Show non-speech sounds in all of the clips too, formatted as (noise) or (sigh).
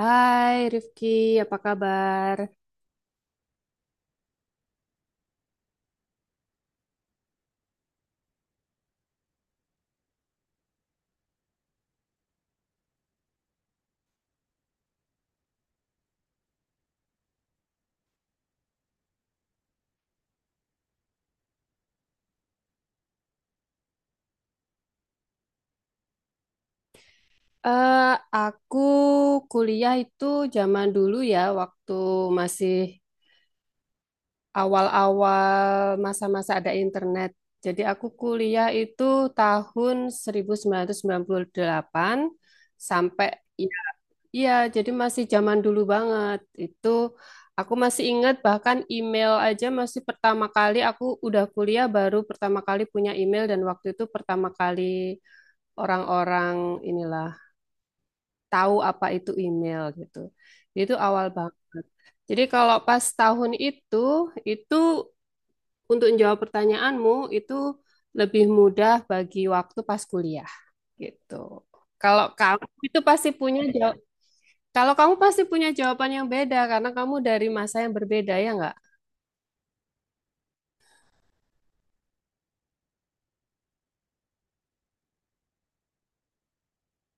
Hai Rifki, apa kabar? Eh, aku kuliah itu zaman dulu ya, waktu masih awal-awal masa-masa ada internet. Jadi aku kuliah itu tahun seribu sembilan sembilan ratus sembilan puluh delapan sampai ya, iya, jadi masih zaman dulu banget. Itu aku masih ingat bahkan email aja masih pertama kali aku udah kuliah baru pertama kali punya email dan waktu itu pertama kali orang-orang inilah tahu apa itu email gitu. Jadi itu awal banget. Jadi kalau pas tahun itu untuk menjawab pertanyaanmu itu lebih mudah bagi waktu pas kuliah gitu. Kalau kamu itu pasti punya jawab, kalau kamu pasti punya jawaban yang beda karena kamu dari masa yang berbeda ya nggak?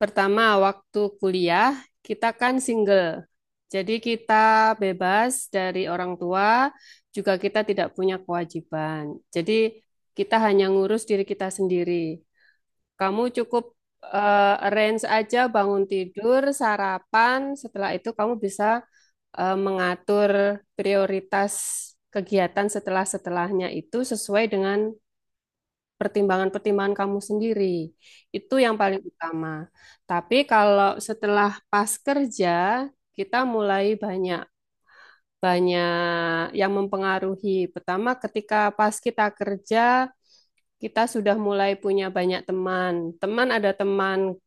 Pertama, waktu kuliah kita kan single. Jadi kita bebas dari orang tua, juga kita tidak punya kewajiban. Jadi kita hanya ngurus diri kita sendiri. Kamu cukup arrange aja bangun tidur, sarapan, setelah itu kamu bisa mengatur prioritas kegiatan setelah-setelahnya itu sesuai dengan pertimbangan-pertimbangan kamu sendiri. Itu yang paling utama. Tapi kalau setelah pas kerja, kita mulai banyak banyak yang mempengaruhi. Pertama, ketika pas kita kerja, kita sudah mulai punya banyak teman. Teman ada teman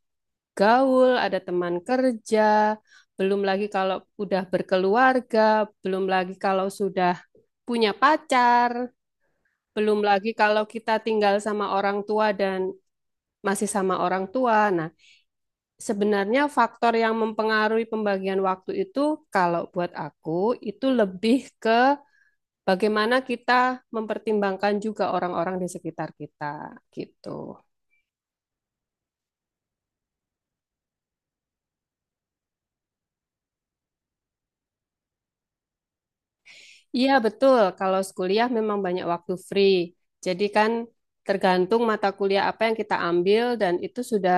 gaul, ada teman kerja, belum lagi kalau udah berkeluarga, belum lagi kalau sudah punya pacar, belum lagi kalau kita tinggal sama orang tua dan masih sama orang tua. Nah, sebenarnya faktor yang mempengaruhi pembagian waktu itu, kalau buat aku, itu lebih ke bagaimana kita mempertimbangkan juga orang-orang di sekitar kita, gitu. Iya, betul. Kalau kuliah memang banyak waktu free. Jadi kan tergantung mata kuliah apa yang kita ambil dan itu sudah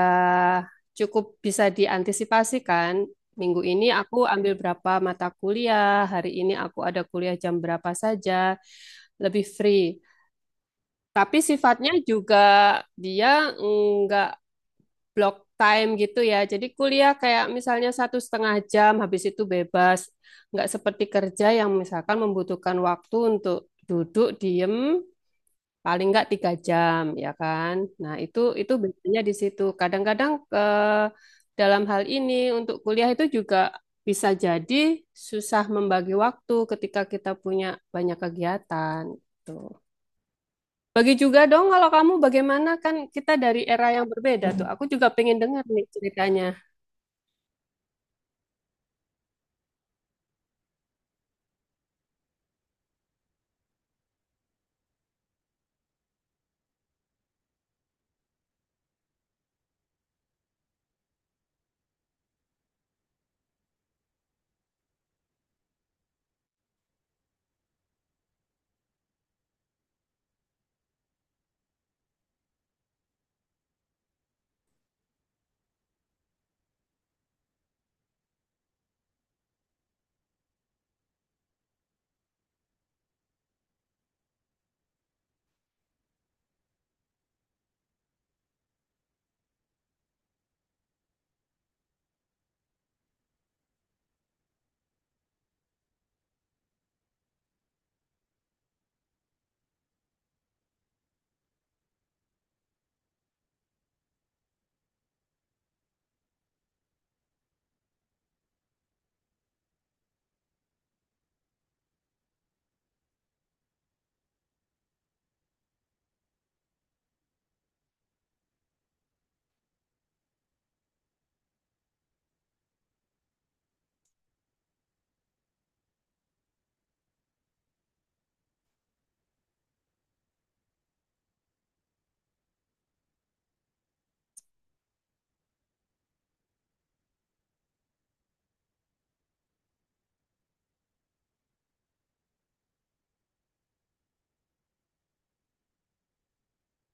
cukup bisa diantisipasi kan. Minggu ini aku ambil berapa mata kuliah, hari ini aku ada kuliah jam berapa saja, lebih free. Tapi sifatnya juga dia enggak block time gitu ya. Jadi kuliah kayak misalnya satu setengah jam, habis itu bebas. Nggak seperti kerja yang misalkan membutuhkan waktu untuk duduk, diem, paling nggak 3 jam, ya kan? Nah, itu bedanya di situ. Kadang-kadang eh, dalam hal ini untuk kuliah itu juga bisa jadi susah membagi waktu ketika kita punya banyak kegiatan. Tuh. Bagi juga dong kalau kamu bagaimana kan kita dari era yang berbeda tuh. Aku juga pengen dengar nih ceritanya.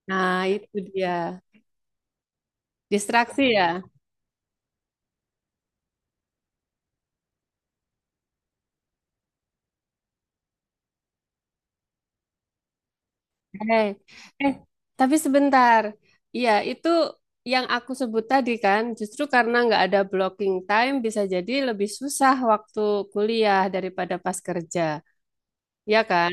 Nah, itu dia. Distraksi ya. Eh, eh, tapi sebentar. Iya, itu yang aku sebut tadi kan, justru karena nggak ada blocking time bisa jadi lebih susah waktu kuliah daripada pas kerja. Ya kan?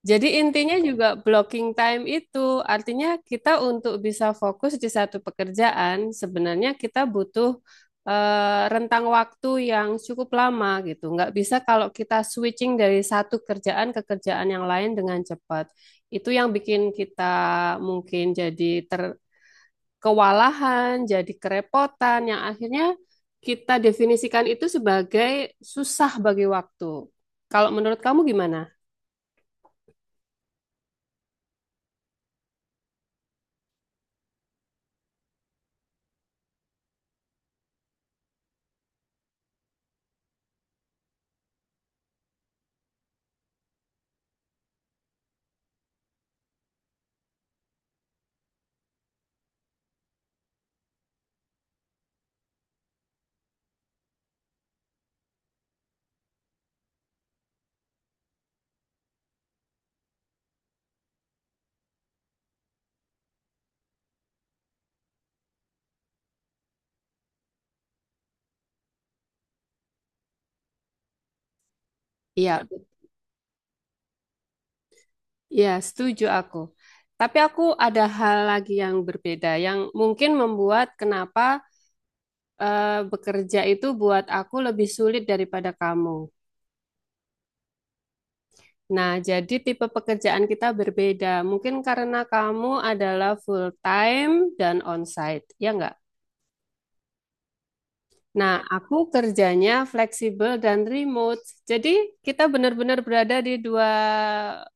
Jadi intinya juga blocking time itu artinya kita untuk bisa fokus di satu pekerjaan sebenarnya kita butuh rentang waktu yang cukup lama gitu. Nggak bisa kalau kita switching dari satu kerjaan ke kerjaan yang lain dengan cepat. Itu yang bikin kita mungkin jadi kewalahan, jadi kerepotan yang akhirnya kita definisikan itu sebagai susah bagi waktu. Kalau menurut kamu gimana? Iya, ya, setuju aku. Tapi aku ada hal lagi yang berbeda, yang mungkin membuat kenapa bekerja itu buat aku lebih sulit daripada kamu. Nah, jadi tipe pekerjaan kita berbeda. Mungkin karena kamu adalah full time dan onsite, ya nggak? Nah, aku kerjanya fleksibel dan remote. Jadi kita benar-benar berada di dua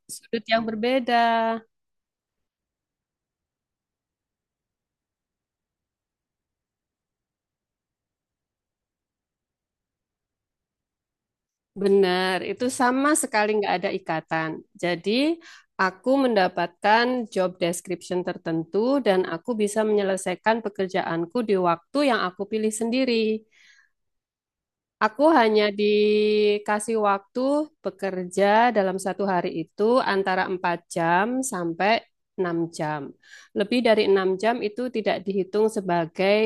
sudut yang berbeda. Benar, itu sama sekali nggak ada ikatan. Jadi, aku mendapatkan job description tertentu dan aku bisa menyelesaikan pekerjaanku di waktu yang aku pilih sendiri. Aku hanya dikasih waktu bekerja dalam satu hari itu antara 4 jam sampai 6 jam. Lebih dari 6 jam itu tidak dihitung sebagai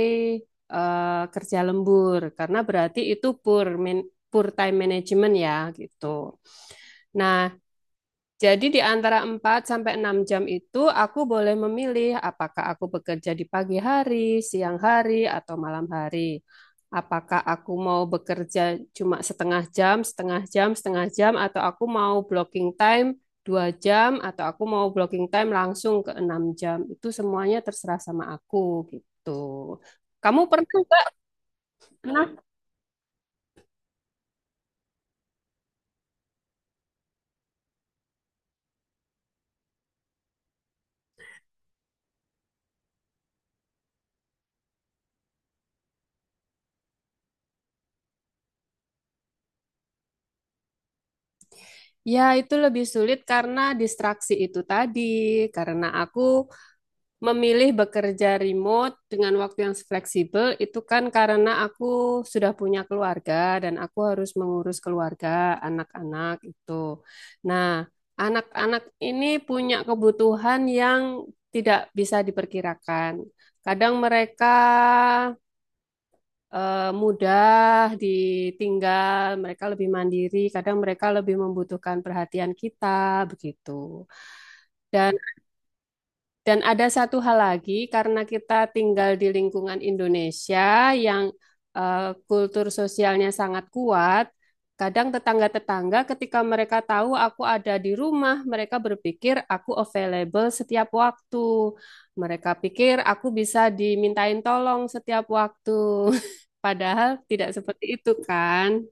kerja lembur, karena berarti itu poor, poor time management ya gitu. Nah, jadi di antara 4 sampai 6 jam itu aku boleh memilih apakah aku bekerja di pagi hari, siang hari, atau malam hari. Apakah aku mau bekerja cuma setengah jam, setengah jam, setengah jam, atau aku mau blocking time 2 jam, atau aku mau blocking time langsung ke 6 jam. Itu semuanya terserah sama aku gitu. Kamu pernah nggak? Pernah. Ya, itu lebih sulit karena distraksi itu tadi. Karena aku memilih bekerja remote dengan waktu yang fleksibel itu kan karena aku sudah punya keluarga dan aku harus mengurus keluarga, anak-anak itu. Nah, anak-anak ini punya kebutuhan yang tidak bisa diperkirakan. Kadang mereka mudah ditinggal, mereka lebih mandiri, kadang mereka lebih membutuhkan perhatian kita, begitu. Dan dan ada satu hal lagi, karena kita tinggal di lingkungan Indonesia yang eh, kultur sosialnya sangat kuat, kadang tetangga-tetangga ketika mereka tahu aku ada di rumah, mereka berpikir aku available setiap waktu. Mereka pikir aku bisa dimintain tolong setiap waktu. (laughs) Padahal tidak seperti itu kan?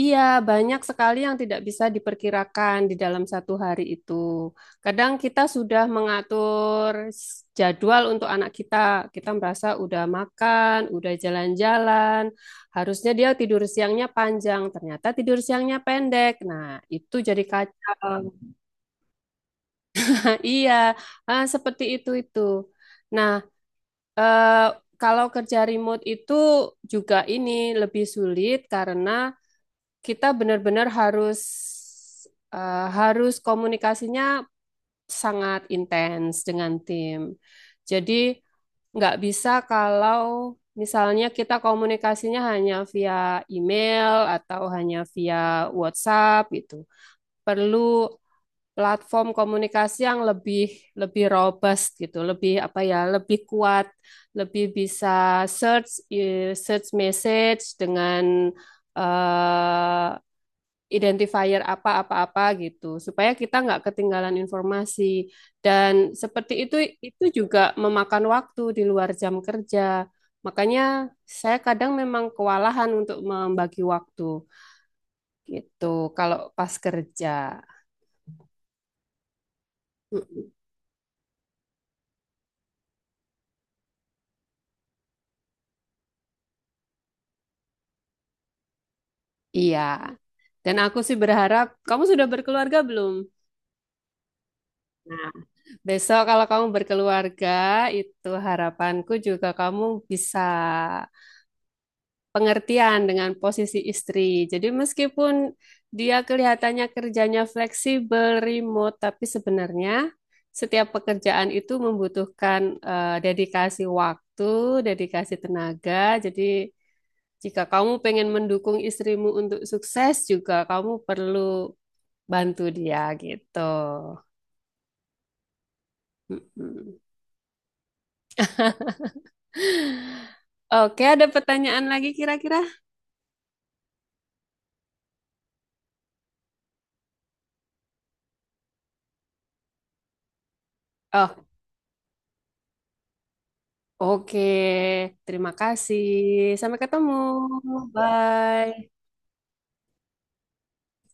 Iya, banyak sekali yang tidak bisa diperkirakan di dalam satu hari itu. Kadang kita sudah mengatur jadwal untuk anak kita. Kita merasa udah makan, udah jalan-jalan. Harusnya dia tidur siangnya panjang, ternyata tidur siangnya pendek. Nah, itu jadi kacau. Nah, iya, ah, seperti itu itu. Nah, eh, kalau kerja remote itu juga ini lebih sulit karena kita benar-benar harus harus komunikasinya sangat intens dengan tim. Jadi nggak bisa kalau misalnya kita komunikasinya hanya via email atau hanya via WhatsApp gitu. Perlu platform komunikasi yang lebih lebih robust gitu, lebih apa ya, lebih kuat, lebih bisa search message dengan eh, identifier apa-apa-apa gitu, supaya kita nggak ketinggalan informasi. Dan seperti itu juga memakan waktu di luar jam kerja. Makanya saya kadang memang kewalahan untuk membagi waktu gitu kalau pas kerja. Iya. Dan aku sih berharap kamu sudah berkeluarga belum? Nah, besok kalau kamu berkeluarga, itu harapanku juga kamu bisa pengertian dengan posisi istri. Jadi meskipun dia kelihatannya kerjanya fleksibel, remote, tapi sebenarnya setiap pekerjaan itu membutuhkan dedikasi waktu, dedikasi tenaga. Jadi jika kamu pengen mendukung istrimu untuk sukses juga kamu perlu bantu dia gitu. Mm-mm. Oke, ada pertanyaan lagi kira-kira? Oh, oke. Terima kasih. Sampai ketemu. Bye.